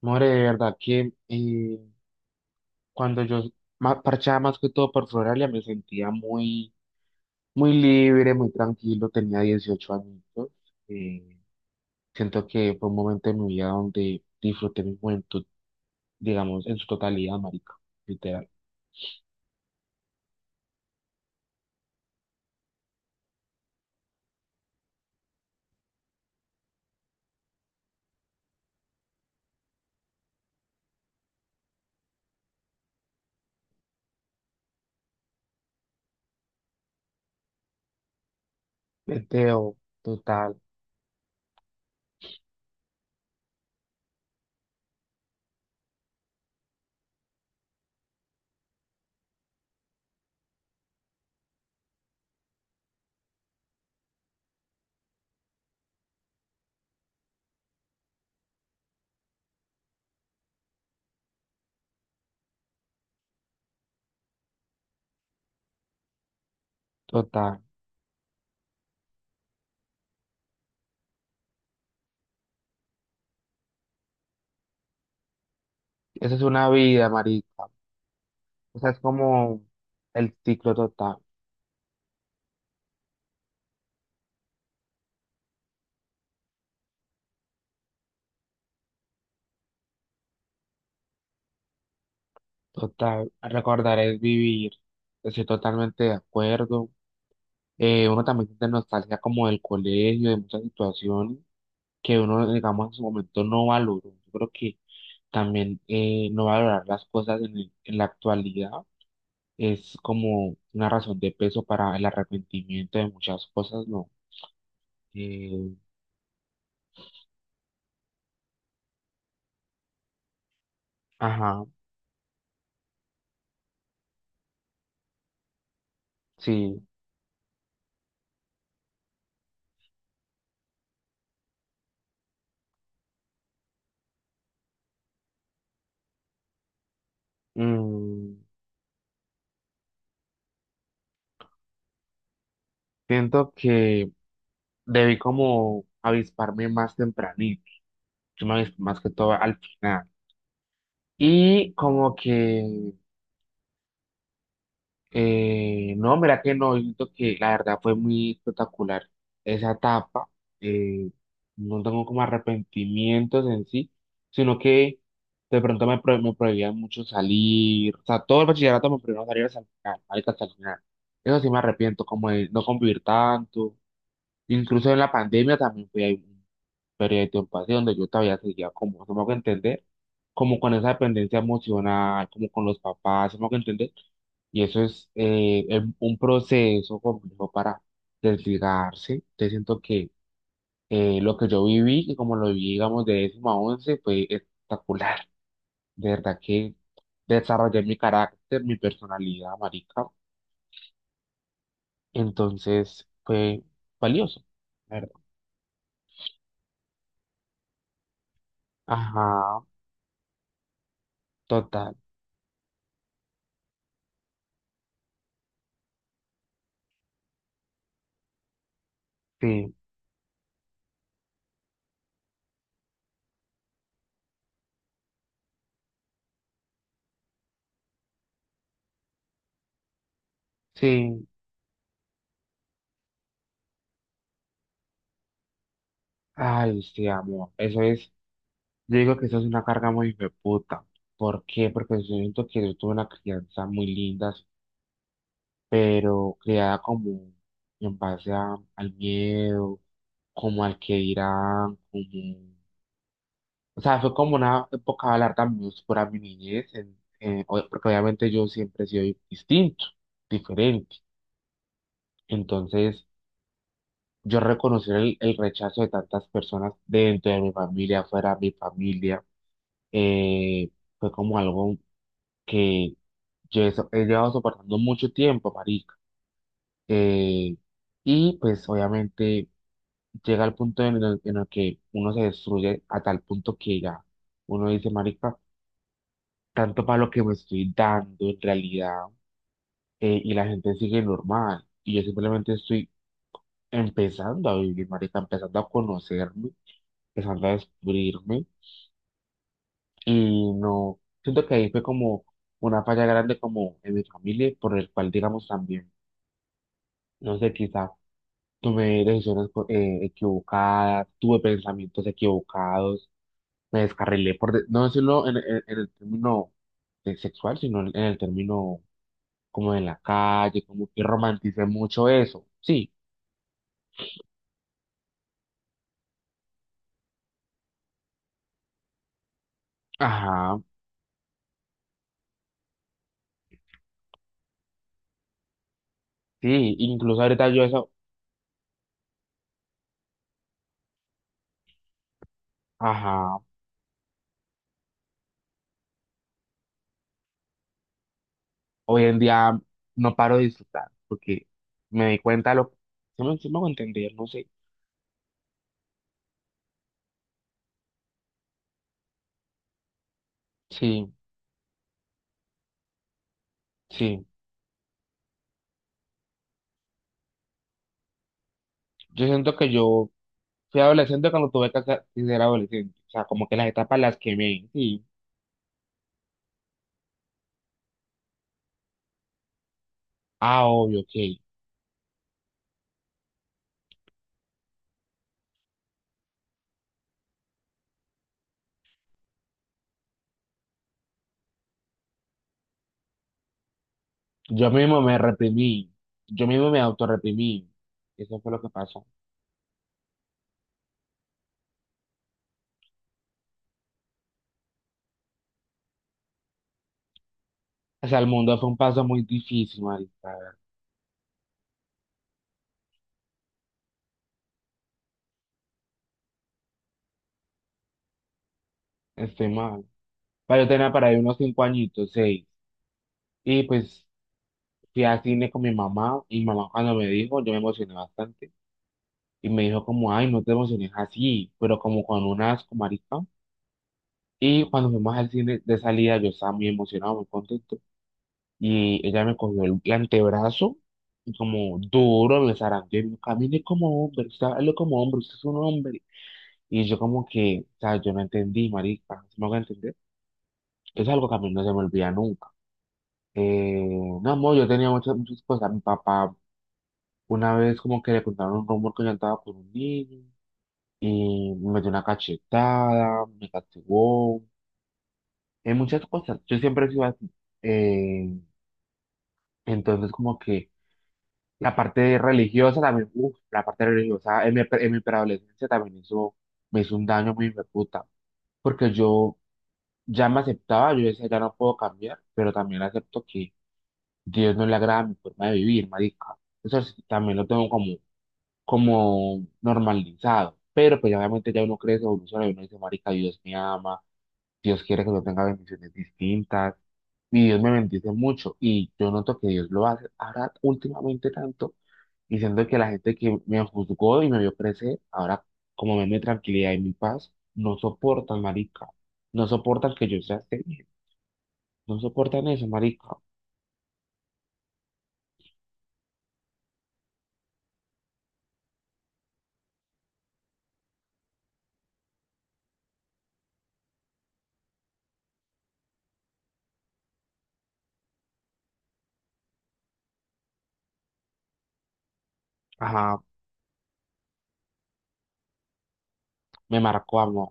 More, de verdad que cuando yo parchaba más que todo por Floralia me sentía muy, muy libre, muy tranquilo, tenía 18 añitos. eh, siento que fue un momento de mi vida donde disfruté mi juventud, digamos, en su totalidad, marica, literal. Meteo, total, total. Esa es una vida, marica. O sea, es como el ciclo total, total. Recordar es vivir. Estoy totalmente de acuerdo. Uno también siente nostalgia como del colegio, de muchas situaciones que uno, digamos, en su momento no valoró. Yo creo que también, no valorar las cosas en la actualidad es como una razón de peso para el arrepentimiento de muchas cosas, ¿no? Eh, ajá, sí. Mm, siento que debí como avisparme más tempranito. Yo me avispé más que todo al final. Y como que, no, mira que no, yo siento que la verdad fue muy espectacular esa etapa. eh, no tengo como arrepentimientos en sí, sino que de pronto me prohibían mucho salir. O sea, todo el bachillerato me prohibieron salir hasta el final, marica, hasta el final. Eso sí me arrepiento, como de no convivir tanto. Incluso en la pandemia también fui ahí, pero hay tiempos así donde yo todavía seguía como, no me hago entender, como con esa dependencia emocional, como con los papás, no me hago entender, y eso es un proceso complejo para desligarse, te siento que lo que yo viví, que como lo viví, digamos, de décimo a once, fue espectacular, de verdad que desarrollé mi carácter, mi personalidad, marica, entonces fue valioso, la verdad. Ajá, total, sí, sí. Ay, sí, amor, eso es, yo digo que eso es una carga muy puta. ¿Por qué? Porque yo siento que yo tuve una crianza muy linda, pero criada como en base al miedo, como al que dirán, como. O sea, fue como una época larga muy oscura mi niñez, porque obviamente yo siempre he sido distinto, diferente. Entonces, yo reconocer el rechazo de tantas personas dentro de mi familia, fuera de mi familia, eh, fue como algo que yo he llevado soportando mucho tiempo, marica. Eh, y pues obviamente llega al punto en el que uno se destruye a tal punto que ya uno dice, marica, tanto para lo que me estoy dando en realidad, y la gente sigue normal. Y yo simplemente estoy empezando a vivir, marica, empezando a conocerme, empezando a descubrirme. Y no, siento que ahí fue como una falla grande como en mi familia, por el cual, digamos, también, no sé, quizá tomé decisiones equivocadas, tuve pensamientos equivocados, me descarrilé, por no decirlo en el término, sexual, sino en el término como de la calle, como que romanticé mucho eso. Sí, ajá, sí, incluso ahorita yo eso, ajá, hoy en día no paro de disfrutar, porque me di cuenta lo. No me, sí me hago entender, no sé. Sí, sí. Yo siento que yo fui adolescente cuando tuve que ser adolescente. O sea, como que las etapas las quemé. Sí. Ah, obvio, ok. Yo mismo me reprimí. Yo mismo me autorreprimí. Eso fue lo que pasó. O sea, el mundo fue un paso muy difícil, marica. Estoy mal. Pero yo tenía para ahí unos 5 añitos, 6. Y pues fui al cine con mi mamá. Y mi mamá cuando me dijo, yo me emocioné bastante. Y me dijo como, ay, no te emociones así. Pero como con unas, asco, marica. Y cuando fuimos al cine de salida, yo estaba muy emocionado, muy contento. Y ella me cogió el antebrazo y como duro me zarandeó y me dijo, camine como hombre, usted hable como hombre, usted es un hombre. Y yo como que, o sea, yo no entendí, marica, ¿se me va a entender? Es algo que a mí no se me olvida nunca. Eh, no, amor, yo tenía muchas, muchas cosas. Mi papá una vez como que le contaron un rumor que yo andaba con un niño y me dio una cachetada, me castigó, en muchas cosas. Yo siempre he sido así. Eh, Entonces, como que la parte religiosa también, uf, la parte religiosa en en mi preadolescencia también hizo, me hizo un daño muy puta, porque yo ya me aceptaba, yo decía, ya no puedo cambiar, pero también acepto que Dios no le agrada mi forma de vivir, marica. Eso sí, también lo tengo como, como normalizado, pero pues obviamente ya uno crece, evoluciona y uno dice, marica, Dios me ama, Dios quiere que yo tenga bendiciones distintas. Y Dios me bendice mucho y yo noto que Dios lo hace ahora últimamente tanto. Y siento que la gente que me juzgó y me vio crecer, ahora como ven mi tranquilidad y mi paz, no soportan, marica. No soportan que yo sea serio. No soportan eso, marica. Ajá, me marcó, amor.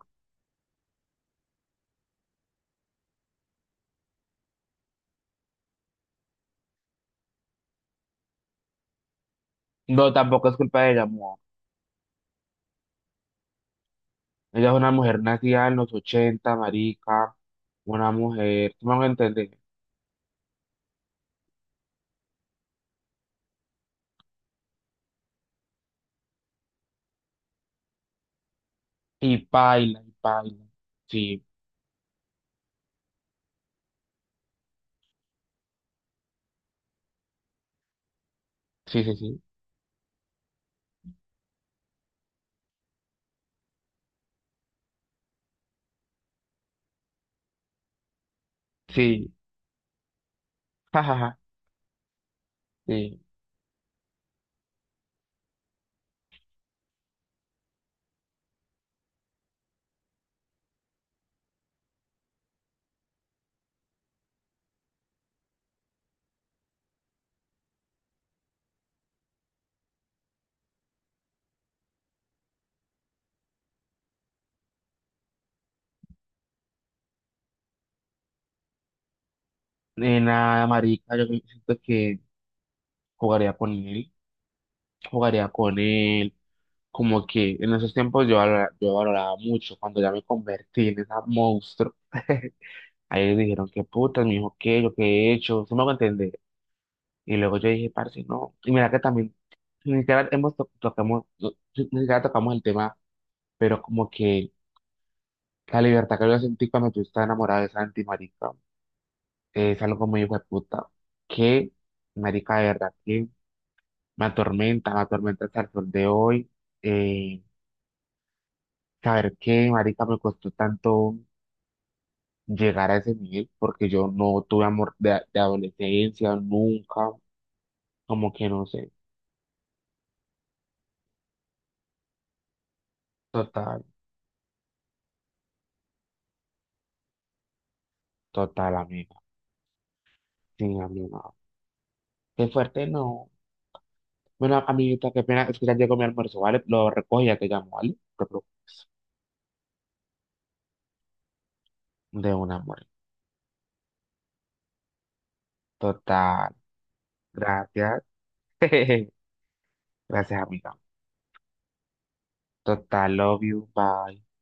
No, tampoco es culpa de ella, amor. Ella es una mujer nacida en los 80, marica. Una mujer, ¿tú me vas a entender? Y baila, y baila. Sí, sí, sí, sí. Sí, jajaja, sí. Nena marica, yo siento que jugaría con él. Jugaría con él como que en esos tiempos yo valoraba mucho cuando ya me convertí en esa monstruo. Ahí ellos dijeron, qué putas, mi hijo, qué, yo qué he hecho, se me va a entender. Y luego yo dije, parce, no. Y mira que también, ni siquiera hemos tocamos, sí, ni siquiera tocamos el tema, pero como que la libertad que yo sentí cuando tú estás enamorada de Santi, marica, es algo muy hijo de puta. Que, marica, de verdad, que me atormenta hasta el sol de hoy. Eh, Saber que, marica, me costó tanto llegar a ese nivel porque yo no tuve amor de adolescencia, nunca, como que no sé. Total, total, amiga. Sí, amiga. Qué fuerte, no. Bueno, amiguita, qué pena, es que ya llegó mi almuerzo, ¿vale? Lo recojo y ya te llamo, ¿vale? Te preocu-. De un amor. Total, gracias. Gracias, amiga. Total, love you, bye.